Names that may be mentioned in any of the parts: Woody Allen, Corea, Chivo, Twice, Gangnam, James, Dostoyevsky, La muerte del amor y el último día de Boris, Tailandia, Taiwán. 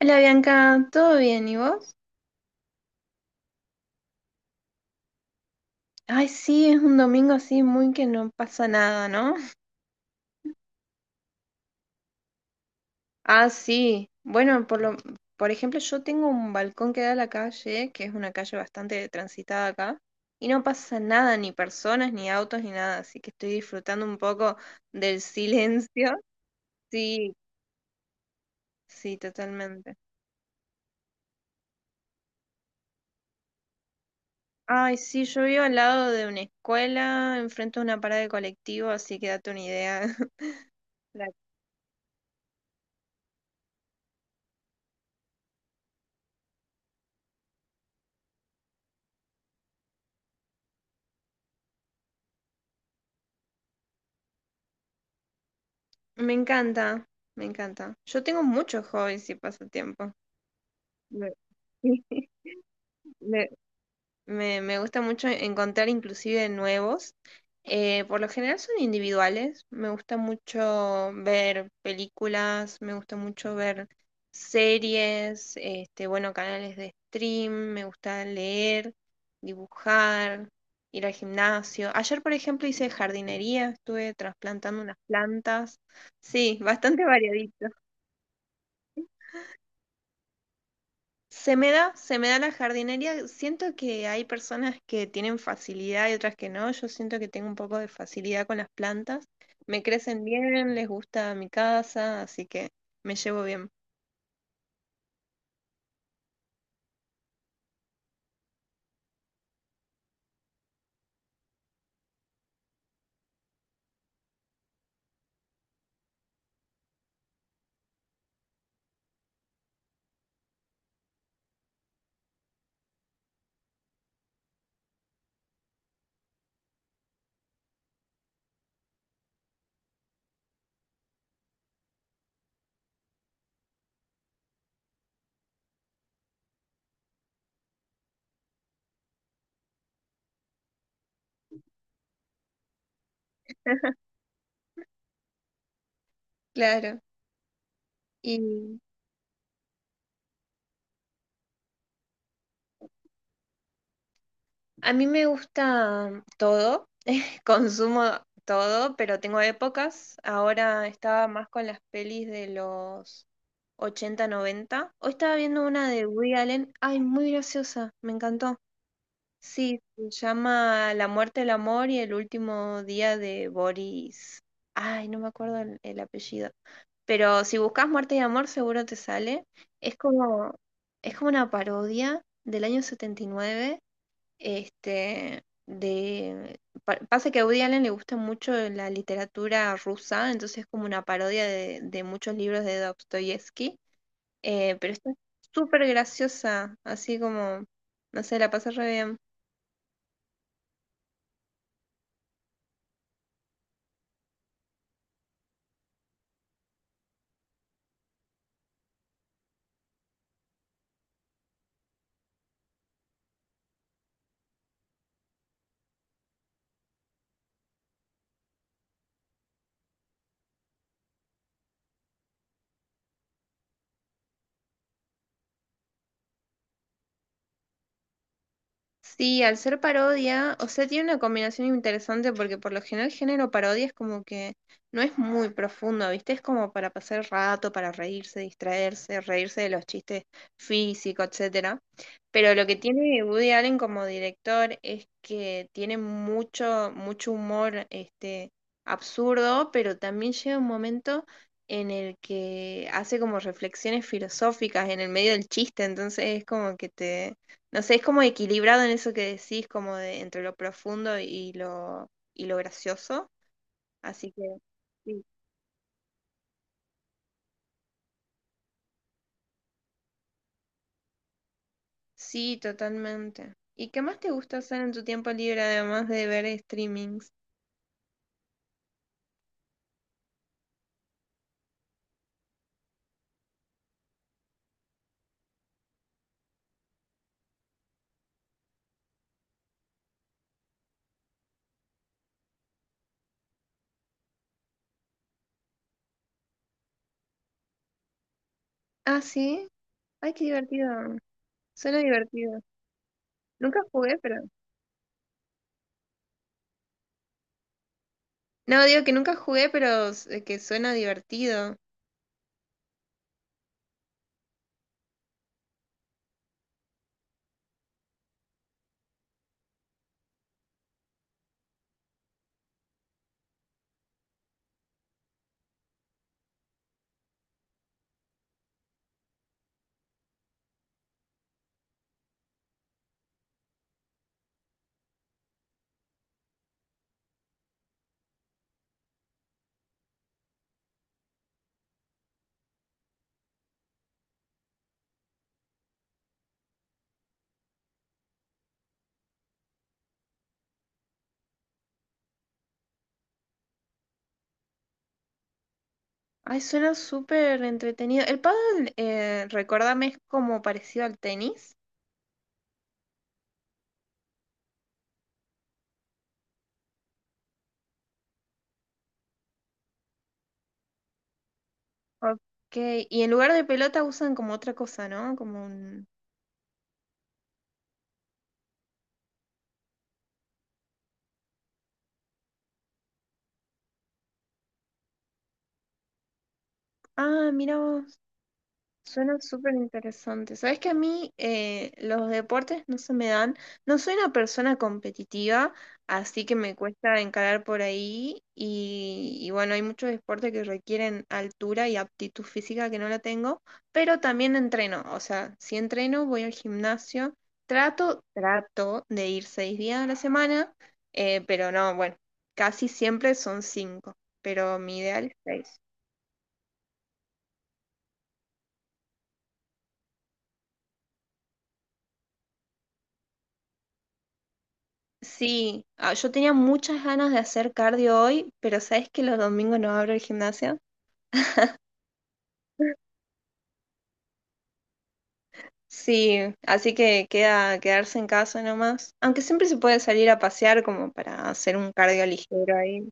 Hola Bianca, ¿todo bien? ¿Y vos? Ay, sí, es un domingo así muy que no pasa nada, ¿no? Ah, sí. Bueno, por ejemplo, yo tengo un balcón que da a la calle, que es una calle bastante transitada acá, y no pasa nada, ni personas, ni autos, ni nada, así que estoy disfrutando un poco del silencio. Sí, sí, totalmente. Ay, sí, yo vivo al lado de una escuela, enfrente de una parada de colectivo, así que date una idea. Me encanta, me encanta. Yo tengo muchos hobbies y pasatiempos. Me, me- me gusta mucho encontrar inclusive nuevos. Por lo general son individuales. Me gusta mucho ver películas, me gusta mucho ver series, este, bueno, canales de stream, me gusta leer, dibujar, ir al gimnasio. Ayer, por ejemplo, hice jardinería, estuve trasplantando unas plantas. Sí, bastante variadito. Se me da la jardinería. Siento que hay personas que tienen facilidad y otras que no. Yo siento que tengo un poco de facilidad con las plantas. Me crecen bien, les gusta mi casa, así que me llevo bien. Claro. Y a mí me gusta todo, consumo todo, pero tengo épocas. Ahora estaba más con las pelis de los 80, 90. Hoy estaba viendo una de Woody Allen. Ay, muy graciosa, me encantó. Sí, se llama La muerte del amor y el último día de Boris. Ay, no me acuerdo el apellido. Pero si buscas muerte y amor, seguro te sale. Es como, es como una parodia del año 79. Este, de, pasa que a Woody Allen le gusta mucho la literatura rusa, entonces es como una parodia de muchos libros de Dostoyevsky. Pero está súper graciosa, así como, no sé, la pasé re bien. Sí, al ser parodia, o sea, tiene una combinación interesante porque por lo general el género parodia es como que no es muy profundo, ¿viste? Es como para pasar el rato, para reírse, distraerse, reírse de los chistes físicos, etcétera. Pero lo que tiene Woody Allen como director es que tiene mucho, mucho humor, este, absurdo, pero también llega un momento en el que hace como reflexiones filosóficas en el medio del chiste, entonces es como que te no sé, es como equilibrado en eso que decís, como de entre lo profundo y lo gracioso. Así que sí, sí, totalmente. ¿Y qué más te gusta hacer en tu tiempo libre además de ver streamings? Ah, sí. Ay, qué divertido. Suena divertido. Nunca jugué, pero... No, digo que nunca jugué, pero que suena divertido. Ay, suena súper entretenido. El pádel, recuérdame, es como parecido al tenis. Ok, y en lugar de pelota usan como otra cosa, ¿no? Como un... Ah, mira vos, suena súper interesante. Sabes que a mí los deportes no se me dan, no soy una persona competitiva, así que me cuesta encarar por ahí y bueno, hay muchos deportes que requieren altura y aptitud física que no la tengo, pero también entreno, o sea, si entreno, voy al gimnasio, trato de ir 6 días a la semana, pero no, bueno, casi siempre son cinco, pero mi ideal es seis. Sí, ah, yo tenía muchas ganas de hacer cardio hoy, pero ¿sabes que los domingos no abro el gimnasio? Sí, así que queda quedarse en casa nomás. Aunque siempre se puede salir a pasear como para hacer un cardio ligero ahí.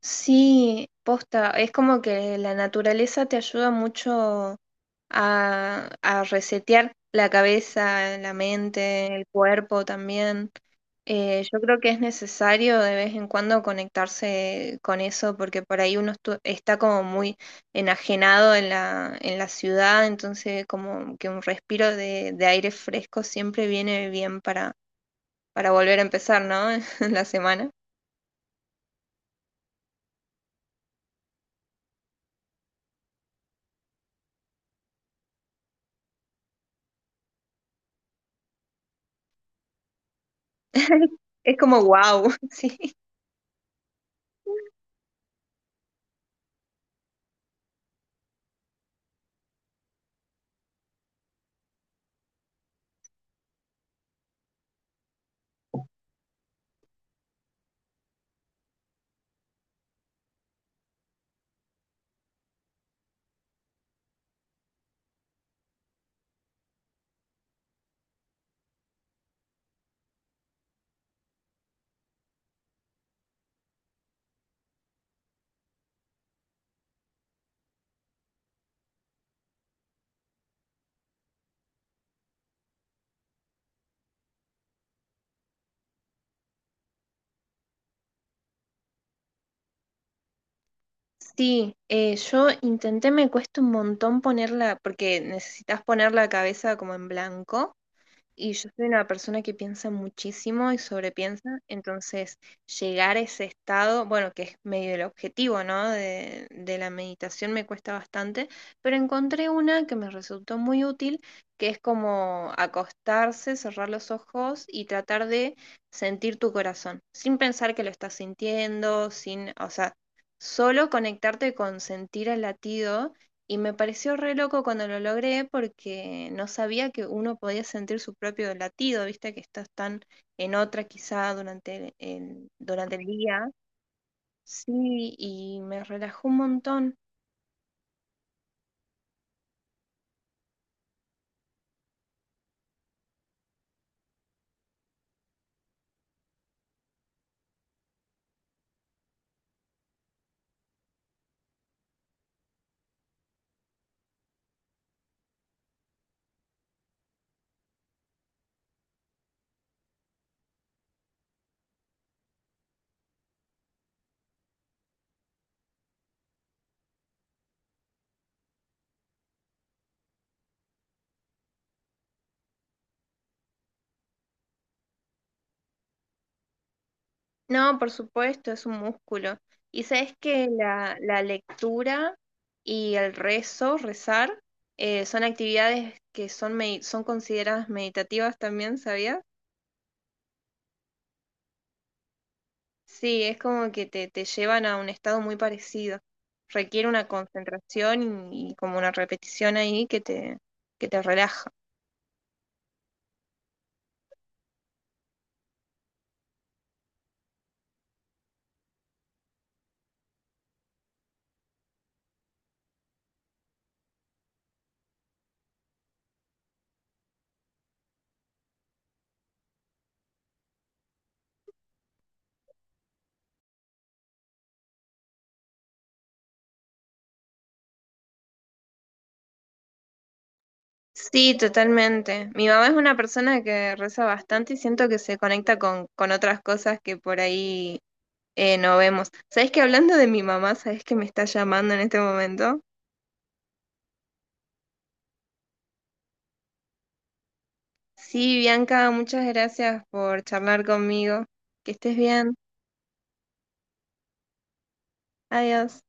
Sí, posta, es como que la naturaleza te ayuda mucho a resetear la cabeza, la mente, el cuerpo también. Yo creo que es necesario de vez en cuando conectarse con eso porque por ahí uno está como muy enajenado en en la ciudad, entonces como que un respiro de aire fresco siempre viene bien para volver a empezar, ¿no? La semana. Es como wow, sí. Sí, yo intenté, me cuesta un montón ponerla, porque necesitas poner la cabeza como en blanco. Y yo soy una persona que piensa muchísimo y sobrepiensa, entonces llegar a ese estado, bueno, que es medio el objetivo, ¿no? De la meditación me cuesta bastante, pero encontré una que me resultó muy útil, que es como acostarse, cerrar los ojos y tratar de sentir tu corazón, sin pensar que lo estás sintiendo, sin, o sea, solo conectarte con sentir el latido y me pareció re loco cuando lo logré porque no sabía que uno podía sentir su propio latido, viste que estás tan en otra quizá durante durante el día. Sí, y me relajó un montón. No, por supuesto, es un músculo. Y sabes que la lectura y el rezo, rezar, son actividades que son, son consideradas meditativas también, ¿sabías? Sí, es como que te llevan a un estado muy parecido. Requiere una concentración y como una repetición ahí que te relaja. Sí, totalmente. Mi mamá es una persona que reza bastante y siento que se conecta con otras cosas que por ahí no vemos. ¿Sabes que hablando de mi mamá, sabes que me está llamando en este momento? Sí, Bianca, muchas gracias por charlar conmigo. Que estés bien. Adiós.